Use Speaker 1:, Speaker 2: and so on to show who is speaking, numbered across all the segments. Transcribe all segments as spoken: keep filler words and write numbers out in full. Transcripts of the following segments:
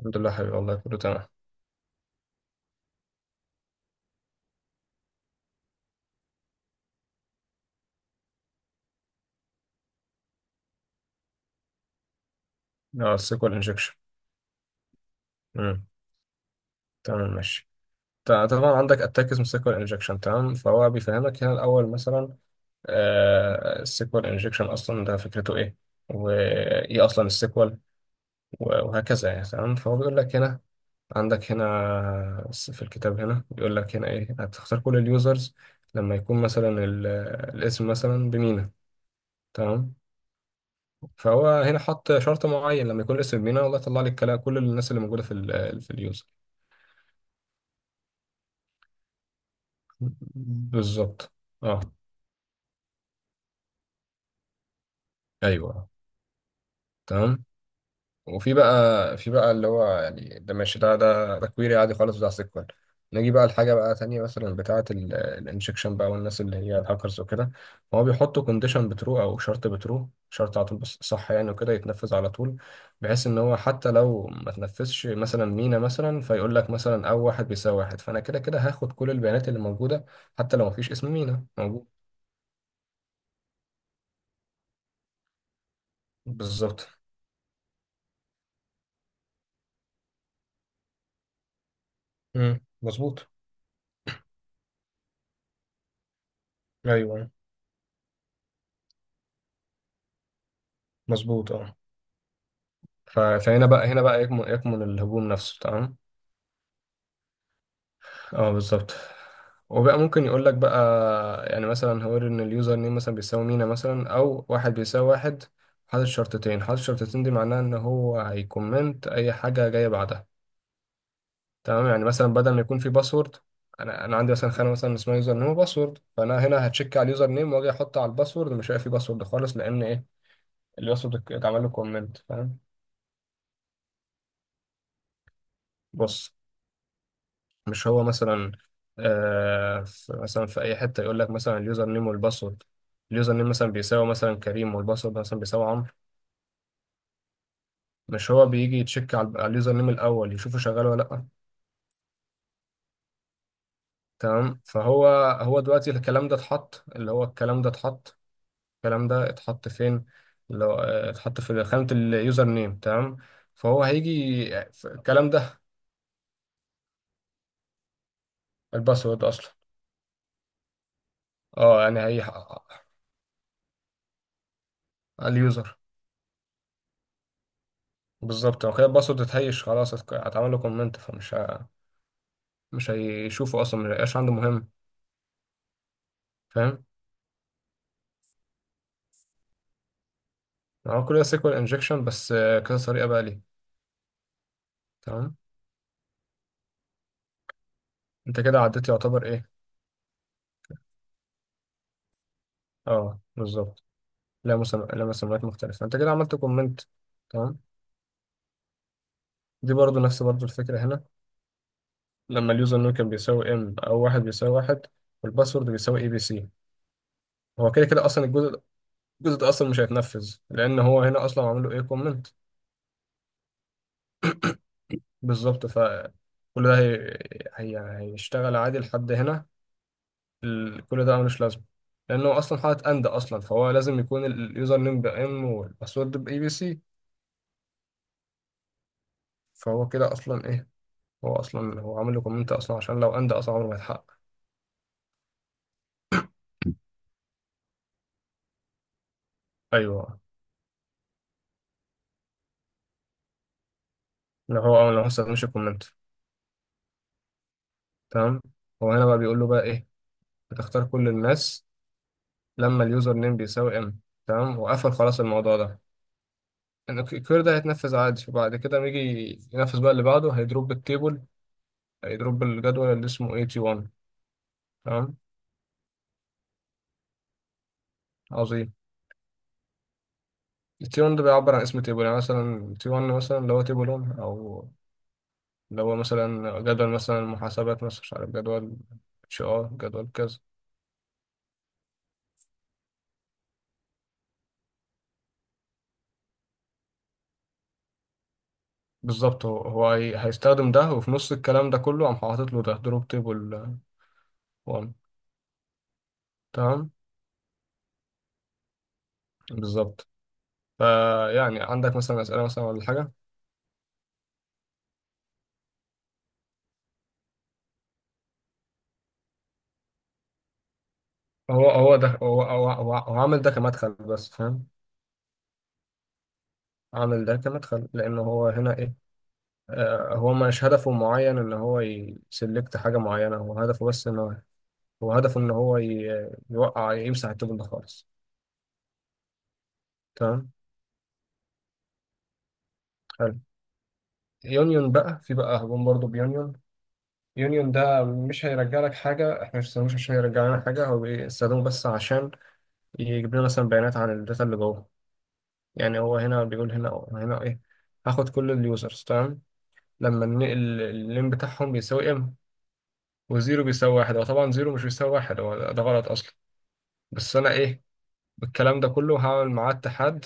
Speaker 1: الحمد لله حبيبي، والله كله تمام. اه السيكوال انجكشن. امم تمام ماشي. تع- طبعا عندك اتاك اسمه سيكوال انجكشن تمام، فهو بيفهمك هنا الاول مثلا: آه السيكوال انجكشن اصلا ده فكرته ايه، وايه اصلا السيكوال، وهكذا يعني. تمام فهو بيقول لك هنا عندك هنا س- في الكتاب هنا بيقول لك هنا ايه، هتختار كل اليوزرز لما يكون مثلا ال- الاسم مثلا بمينا. تمام فهو هنا حط شرط معين، لما يكون الاسم بمينا والله يطلع لك كلا- كل الناس اللي موجوده في ال في اليوزر. بالظبط، اه، ايوه، تمام. وفي بقى في بقى اللي هو يعني ده ماشي، ده ده ده كويري عادي خالص بتاع سيكوال. نيجي بقى لحاجه بقى تانية مثلا بتاعه الانجكشن بقى، والناس اللي هي الهاكرز وكده، هو بيحطوا كونديشن بترو او شرط بترو، شرط على طول بس صح يعني، وكده يتنفذ على طول، بحيث ان هو حتى لو ما تنفذش مثلا مينا، مثلا فيقول لك مثلا او واحد بيساوي واحد، فانا كده كده هاخد كل البيانات اللي موجوده حتى لو ما فيش اسم مينا موجود. بالظبط. امم مظبوط. ايوه مظبوط، اه. ف- فهنا بقى هنا بقى يكمن يكمن الهجوم نفسه تمام. اه بالظبط. وبقى ممكن يقول لك بقى يعني مثلا هو ان اليوزر نيم مثلا بيساوي مينا مثلا او واحد بيساوي واحد، حاطط شرطتين. حاطط شرطتين دي معناها ان هو هيكومنت اي حاجه جايه بعدها. تمام، يعني مثلا بدل ما يكون في باسورد، انا انا عندي مثلا خانه مثلا اسمها يوزر نيم وباسورد، فانا هنا هتشيك على اليوزر نيم، واجي احط على الباسورد مش هلاقي في باسورد خالص لان ايه، الباسورد اتعمل له كومنت. فاهم؟ بص، مش هو مثلا، آه في- مثلا في اي حته يقول لك مثلا اليوزر نيم والباسورد، اليوزر نيم مثلا بيساوي مثلا كريم، والباسورد مثلا بيساوي عمرو. مش هو بيجي يتشيك على على اليوزر نيم الاول، يشوفه شغال ولا لا. تمام فهو، هو دلوقتي الكلام ده اتحط، اللي هو الكلام ده اتحط، الكلام ده اتحط فين؟ اللي هو، آه، اتحط في خانه اليوزر نيم. تمام فهو هيجي في الكلام ده، الباسورد اصلا، اه يعني هي، آه، اليوزر. بالظبط، هو كده الباسورد اتهيش خلاص، اتك- اتعمل له كومنت، فمش ه- مش هيشوفه اصلا، مش هيبقاش عنده مهم. فاهم؟ هو كل ده سيكوال انجكشن بس آه، كذا طريقه بقى ليه. تمام. انت كده عديت يعتبر ايه. اه بالظبط. لا مسم... لا، مسميات مختلفه، انت كده عملت كومنت. تمام. دي برضو نفس برضو الفكره هنا، لما اليوزر نوم كان بيساوي ام او واحد بيساوي واحد، والباسورد بيساوي اي بي سي، هو كده كده اصلا الجزء ده- الجزء ده اصلا مش هيتنفذ، لان هو هنا اصلا عامل له ايه كومنت. بالظبط. ف كل ده هي... هي... هيشتغل عادي لحد هنا. ال- كل ده ملوش لازمه، لانه اصلا حاطط اند اصلا، فهو لازم يكون اليوزر نيم بام والباسورد باي بي سي. فهو كده اصلا ايه، هو اصلا هو عامل له كومنت اصلا، عشان لو اند اصلا عمره ما يتحقق. ايوه. لو هو أول- لو ما استخدمش الكومنت. تمام. هو هنا بقى بيقول له بقى ايه، بتختار كل الناس لما اليوزر نيم بيساوي ام. تمام، وقفل خلاص الموضوع ده، إن الك- الكير ده هيتنفذ عادي، وبعد كده لما يجي ينفذ بقى اللي بعده، هيدروب التيبل، هيدروب الجدول اللي اسمه تي واحد. تمام عظيم. التي واحد ده بيعبر عن اسم تيبل، يعني مثلا تي واحد مثلا اللي هو تيبل واحد، او اللي هو مثلا جدول مثلا محاسبات، مثلا مش عارف، جدول اتش ار، جدول كذا. بالظبط، هو هو هي- هيستخدم ده، وفي نص الكلام ده كله قام حاطط له ده دروب تيبل واحد. تمام بالظبط. فيعني عندك مثلا اسئله مثلا ولا حاجه؟ هو هو ده هو هو هو, هو عامل ده كمدخل بس، فاهم؟ عامل ده كمدخل لان هو هنا ايه، آه هو مش هدفه معين ان هو يسلكت حاجه معينه، هو هدفه بس ان هو هدفه ان هو ي- يوقع يمسح التوب ده خالص. تمام حلو. يونيون بقى، في بقى هجوم برضه بيونيون. يونيون ده مش هيرجع لك حاجة، احنا مش بنستخدموش عشان يرجع لنا حاجة، هو بيستخدمه بس عشان يجيب لنا مثلا بيانات عن الداتا اللي جوه. يعني هو هنا بيقول هنا، أو هنا ايه، هاخد كل اليوزرز تمام لما النقل اللين بتاعهم بيساوي ام، وزيرو بيساوي واحد. هو طبعا زيرو مش بيساوي واحد، هو ده غلط اصلا، بس انا ايه، بالكلام ده كله هعمل معاه اتحاد،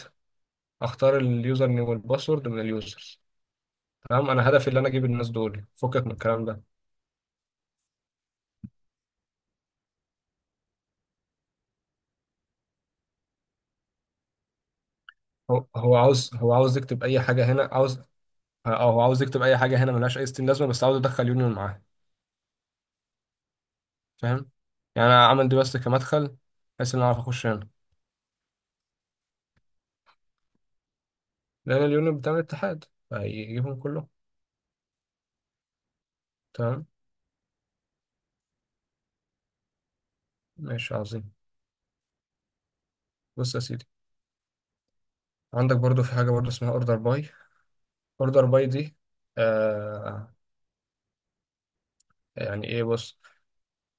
Speaker 1: اختار اليوزر نيم والباسورد من اليوزرز. تمام، انا هدفي اللي انا اجيب الناس دول فكك من الكلام ده. هو هو عاوز هو عاوز يكتب اي حاجه هنا، عاوز، او هو عاوز يكتب اي حاجه هنا ملهاش اي ستين لازمه، بس عاوز ادخل يونيون معاه. فاهم؟ يعني انا عامل دي بس كمدخل، بحيث ان انا اعرف اخش هنا، لان اليونيون بتاع الاتحاد، فيجيبهم كلهم. تمام ماشي عظيم. بص يا سيدي، عندك برضو في حاجه برضو اسمها اوردر باي، اوردر باي دي آه يعني ايه، بص،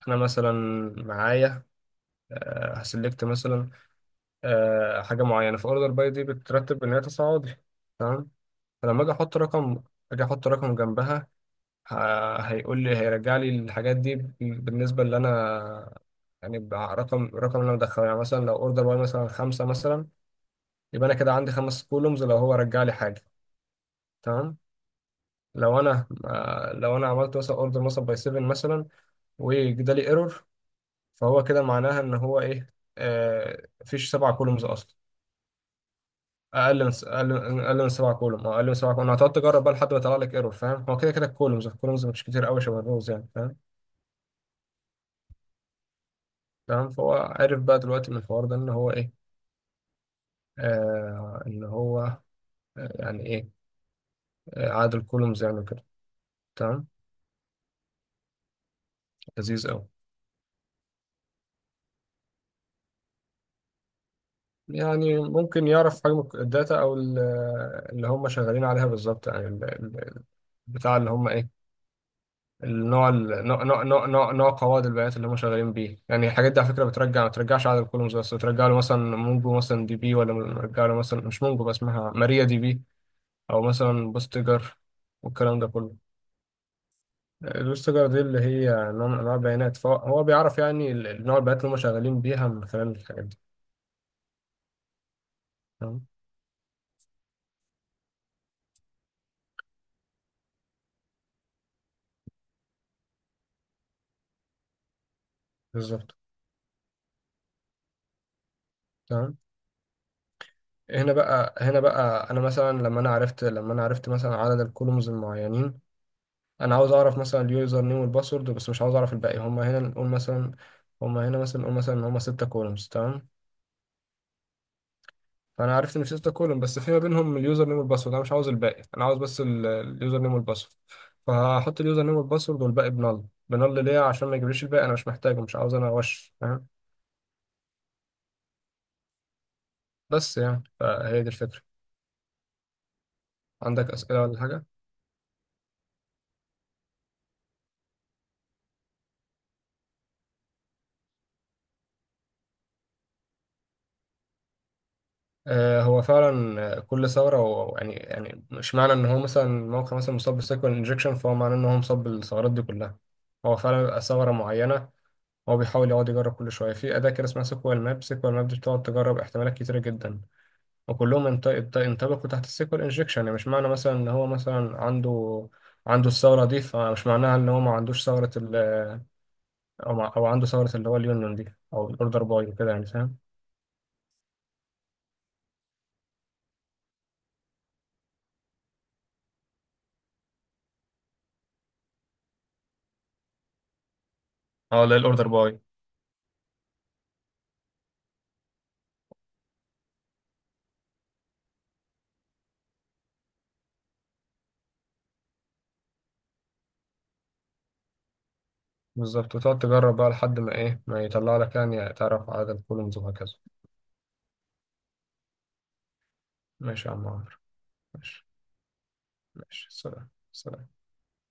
Speaker 1: انا مثلا معايا آه هسلكت مثلا آه، حاجه معينه، فاوردر باي دي بترتب ان هي تصاعدي. تمام. فلما اجي احط رقم، اجي احط رقم جنبها، ه- هيقول لي، هيرجع لي الحاجات دي بالنسبه اللي انا يعني، بع- رقم الرقم اللي انا مدخله، يعني مثلا لو اوردر باي مثلا خمسه مثلا، يبقى انا كده عندي خمس كولومز لو هو رجع لي حاجه. تمام. لو انا آه، لو انا عملت مثلا اوردر مثلا باي سبعه مثلا وجدالي ايرور، فهو كده معناها ان هو ايه، آه، مفيش سبع كولومز اصلا، اقل من س- اقل اقل من سبعه كولوم، اه، اقل من سبعه كولوم، هتقعد تجرب بقى لحد ما يطلع لك ايرور. فاهم؟ هو كده كده الكولومز، الكولومز مش كتير قوي، شبه الروز يعني، فاهم؟ تمام. فهو عرف بقى دلوقتي من الحوار ده ان هو ايه، آه ان هو آه، يعني ايه، آه عدد الكولومز يعني كده. تمام. لذيذ قوي. يعني ممكن يعرف حجم الداتا او ال- آه، اللي هم شغالين عليها بالظبط، يعني ال- ال- البتاع اللي هم ايه، النوع ال- نوع نوع نوع نوع نوع قواعد البيانات اللي هم شغالين بيه، يعني الحاجات دي على فكره بترجع، ما بترجعش عدد الكولومز بس، بترجع له مثلا مونجو مثلا دي بي، ولا بترجع له مثلا مش مونجو بس اسمها ماريا دي بي، او مثلا بوستجر، والكلام ده كله. البوستجر دي اللي هي نوع من انواع البيانات، فهو هو بيعرف يعني ال- نوع البيانات اللي هم شغالين بيها من خلال الحاجات دي. تمام بالظبط. تمام. هنا بقى هنا بقى انا مثلا لما انا عرفت، لما انا عرفت مثلا عدد الكولومز المعينين، انا عاوز اعرف مثلا اليوزر نيم والباسورد بس، مش عاوز اعرف الباقي. هما هنا نقول مثلا، هما هنا مثلا نقول مثلا ان هما ستة كولومز. تمام، فانا عرفت ان في ستة كولوم، بس في ما بينهم اليوزر نيم والباسورد، انا مش عاوز الباقي، انا عاوز بس ال- اليوزر نيم والباسورد. فهحط اليوزر نيم والباسورد والباقي بنل. بنل ليه، عشان ما يجيبليش الباقي، انا مش محتاجه، مش عاوز انا وش. فاهم؟ بس يعني فهي دي الفكرة. عندك اسئلة ولا حاجة؟ آه، هو فعلا كل ثوره هو يعني يعني مش معنى ان هو مثلا موقع مثلا مصاب بالسيكوال انجكشن، فهو معناه ان هو مصاب بالثغرات دي كلها. هو فعلا بيبقى ثغره معينه، هو بيحاول يقعد يجرب كل شويه في اداه كده اسمها سيكوال ماب. سيكوال ماب دي بتقعد تجرب احتمالات كتيره جدا، وكلهم ينط- ينط- ينطبقوا تحت السيكوال انجكشن. يعني مش معنى مثلا ان هو مثلا عنده، عنده الثغره دي، فمش معناها ان هو ما عندوش ثغره ال- او مع- أو عنده ثغره اللي هو اليونيون دي او الاوردر باي وكده، يعني فاهم؟ اه، لا الاوردر باي. بالظبط، وتقعد تجرب بقى لحد ما ايه ما يطلع لك، يعني تعرف عدد الكولومز وهكذا. ماشي يا عم عمرو. ماشي، ماشي. سلام، سلام.